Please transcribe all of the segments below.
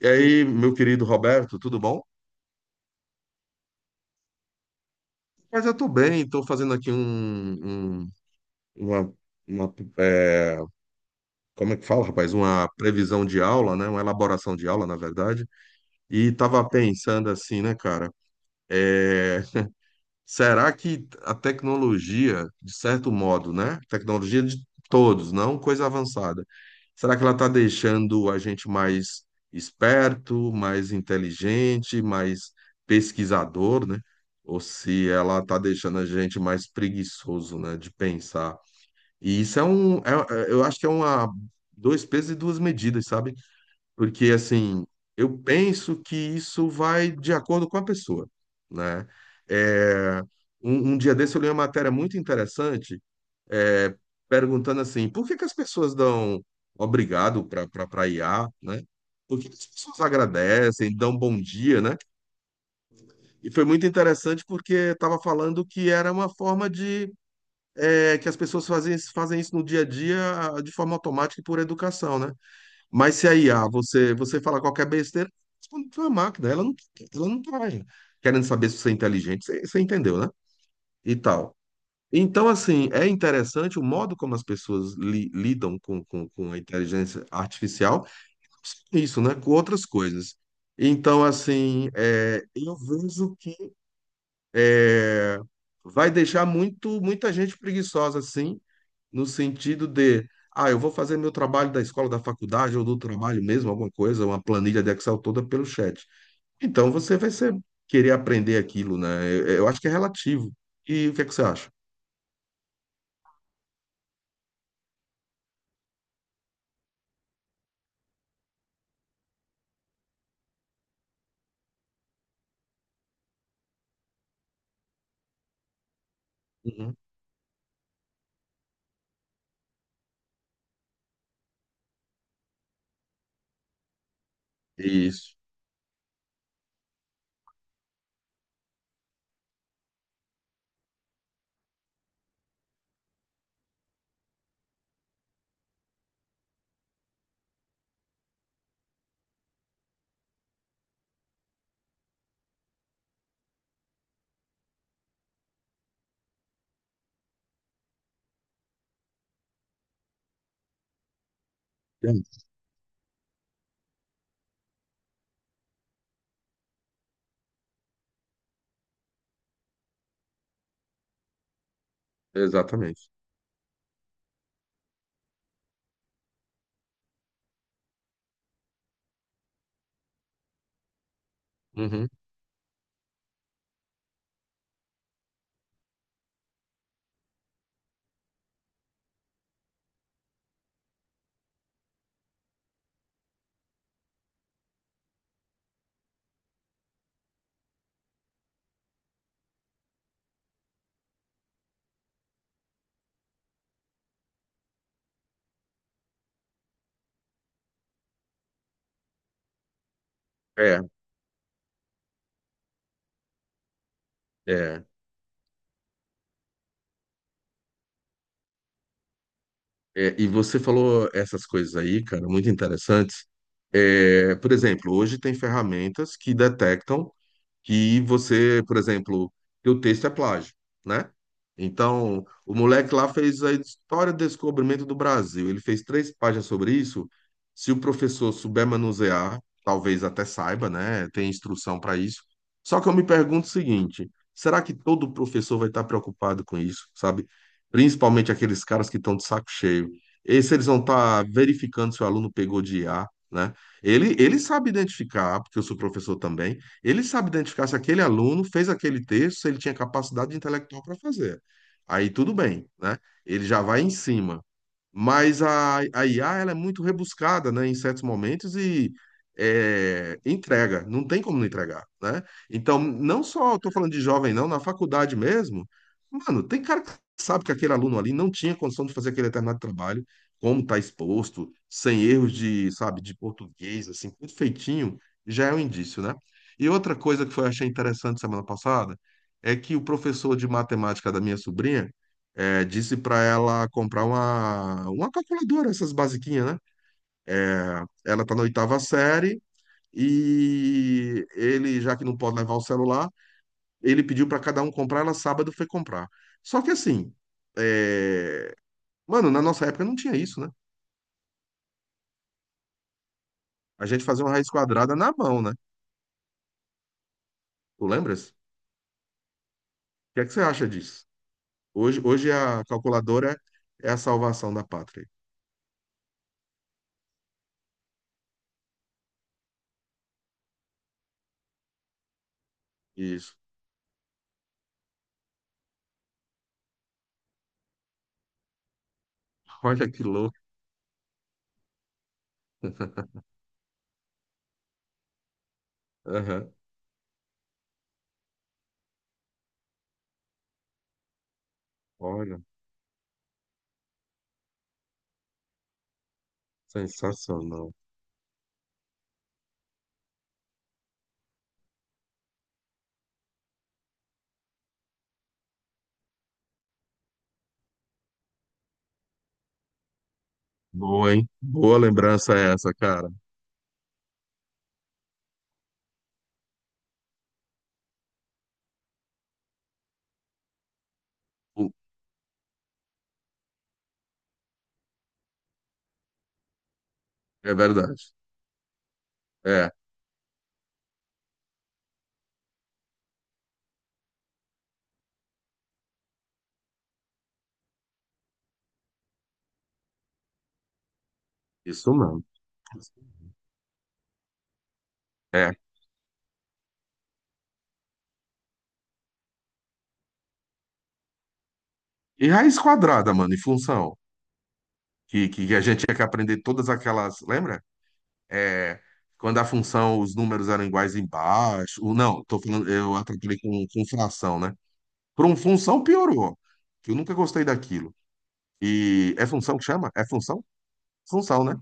E aí, meu querido Roberto, tudo bom? Mas eu tô bem, tô fazendo aqui uma, uma, é, como é que fala, rapaz? Uma previsão de aula, né? Uma elaboração de aula, na verdade. E tava pensando assim, né, cara? É, será que a tecnologia, de certo modo, né? Tecnologia de todos, não coisa avançada. Será que ela está deixando a gente mais esperto, mais inteligente, mais pesquisador, né? Ou se ela está deixando a gente mais preguiçoso, né? De pensar. E isso é eu acho que é uma dois pesos e duas medidas, sabe? Porque, assim, eu penso que isso vai de acordo com a pessoa, né? É, um dia desse eu li uma matéria muito interessante, é, perguntando assim, por que que as pessoas dão obrigado para IA, né? Por que que as pessoas agradecem, dão bom dia, né? E foi muito interessante porque estava falando que era uma forma de, que as pessoas fazem isso no dia a dia, de forma automática e por educação, né? Mas se a IA, você fala qualquer besteira, responde pra uma máquina. Ela não tá querendo saber se você é inteligente. Você entendeu, né? E tal. Então, assim, é interessante o modo como as pessoas lidam com a inteligência artificial. Isso, né? Com outras coisas. Então, assim, eu vejo que é, vai deixar muita gente preguiçosa, assim no sentido de, eu vou fazer meu trabalho da escola, da faculdade ou do trabalho mesmo, alguma coisa, uma planilha de Excel toda pelo chat. Então você vai querer aprender aquilo, né? Eu acho que é relativo. E o que é que você acha? Uhum. Isso. É, isso. Exatamente. Uhum. É, é, é. E você falou essas coisas aí, cara, muito interessantes. É, por exemplo, hoje tem ferramentas que detectam que você, por exemplo, que o texto é plágio, né? Então, o moleque lá fez a história do descobrimento do Brasil. Ele fez três páginas sobre isso. Se o professor souber manusear, talvez até saiba, né? Tem instrução para isso. Só que eu me pergunto o seguinte: será que todo professor vai estar preocupado com isso, sabe? Principalmente aqueles caras que estão de saco cheio. E se eles vão estar verificando se o aluno pegou de IA, né? Ele sabe identificar, porque eu sou professor também. Ele sabe identificar se aquele aluno fez aquele texto, se ele tinha capacidade intelectual para fazer. Aí tudo bem, né? Ele já vai em cima. Mas a IA ela é muito rebuscada, né, em certos momentos e entrega, não tem como não entregar, né? Então, não só estou falando de jovem, não, na faculdade mesmo, mano, tem cara que sabe que aquele aluno ali não tinha condição de fazer aquele determinado trabalho, como está exposto, sem erros de, sabe, de português, assim, perfeitinho, já é um indício, né? E outra coisa que foi, achei interessante semana passada, é que o professor de matemática da minha sobrinha, disse para ela comprar uma calculadora, essas basiquinhas, né? Ela tá na oitava série e ele, já que não pode levar o celular, ele pediu para cada um comprar, ela sábado foi comprar. Só que assim, é, mano, na nossa época não tinha isso, né? A gente fazia uma raiz quadrada na mão, né? Tu lembras? O que é que você acha disso? Hoje a calculadora é a salvação da pátria. Isso. Olha que louco. Aham. Olha, sensacional. Boa, hein? Boa lembrança é essa, cara. Pô, é verdade. É, isso mesmo. É. E raiz quadrada, mano, e função. Que a gente tinha que aprender todas aquelas. Lembra? É, quando a função, os números eram iguais embaixo. Ou não, tô falando, eu atrapalhei com fração, né? Para um função piorou. Que eu nunca gostei daquilo. E é função que chama? É função? Função, né?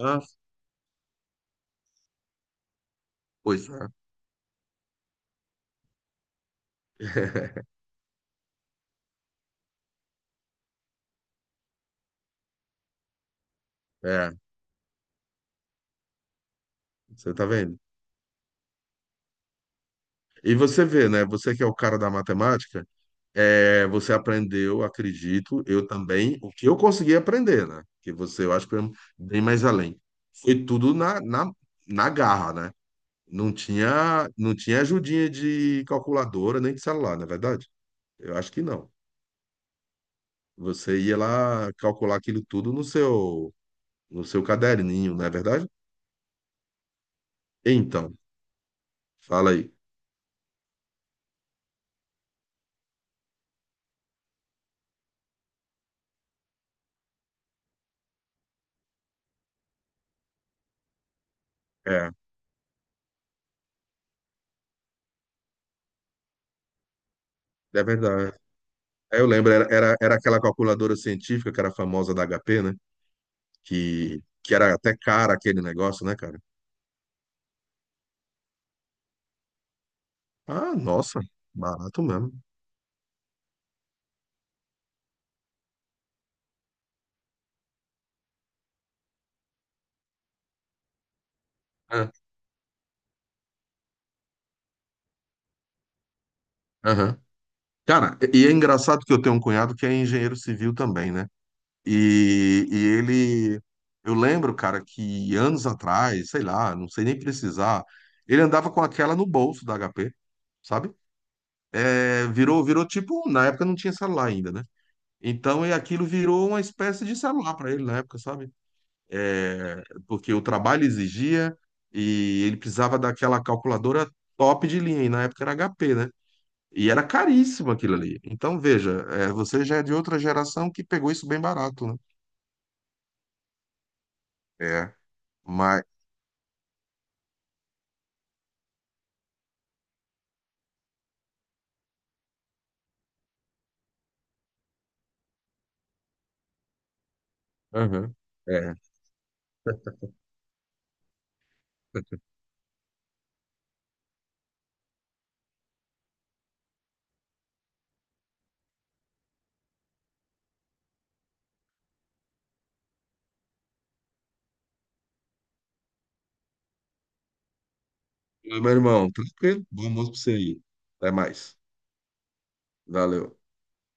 Ah, pois é. É, você tá vendo? E você vê, né? Você que é o cara da matemática. É, você aprendeu, acredito, eu também, o que eu consegui aprender, né? Que você, eu acho que foi um bem mais além. Foi tudo na garra, né? Não tinha ajudinha de calculadora nem de celular, não é verdade? Eu acho que não. Você ia lá calcular aquilo tudo no seu caderninho, não é verdade? Então, fala aí. É, é verdade. É, eu lembro, era aquela calculadora científica que era famosa da HP, né? Que era até cara aquele negócio, né, cara? Ah, nossa, barato mesmo. É, aham. Cara, e é engraçado que eu tenho um cunhado que é engenheiro civil também, né? E ele, eu lembro, cara, que anos atrás, sei lá, não sei nem precisar, ele andava com aquela no bolso da HP, sabe? É, virou tipo, na época não tinha celular ainda, né? Então, e aquilo virou uma espécie de celular para ele na época, sabe? É, porque o trabalho exigia e ele precisava daquela calculadora top de linha, e na época era HP, né? E era caríssimo aquilo ali. Então, veja, você já é de outra geração que pegou isso bem barato, né? É, mas. Aham. É. Meu irmão, tranquilo? Bom almoço pra você aí. Até mais. Valeu.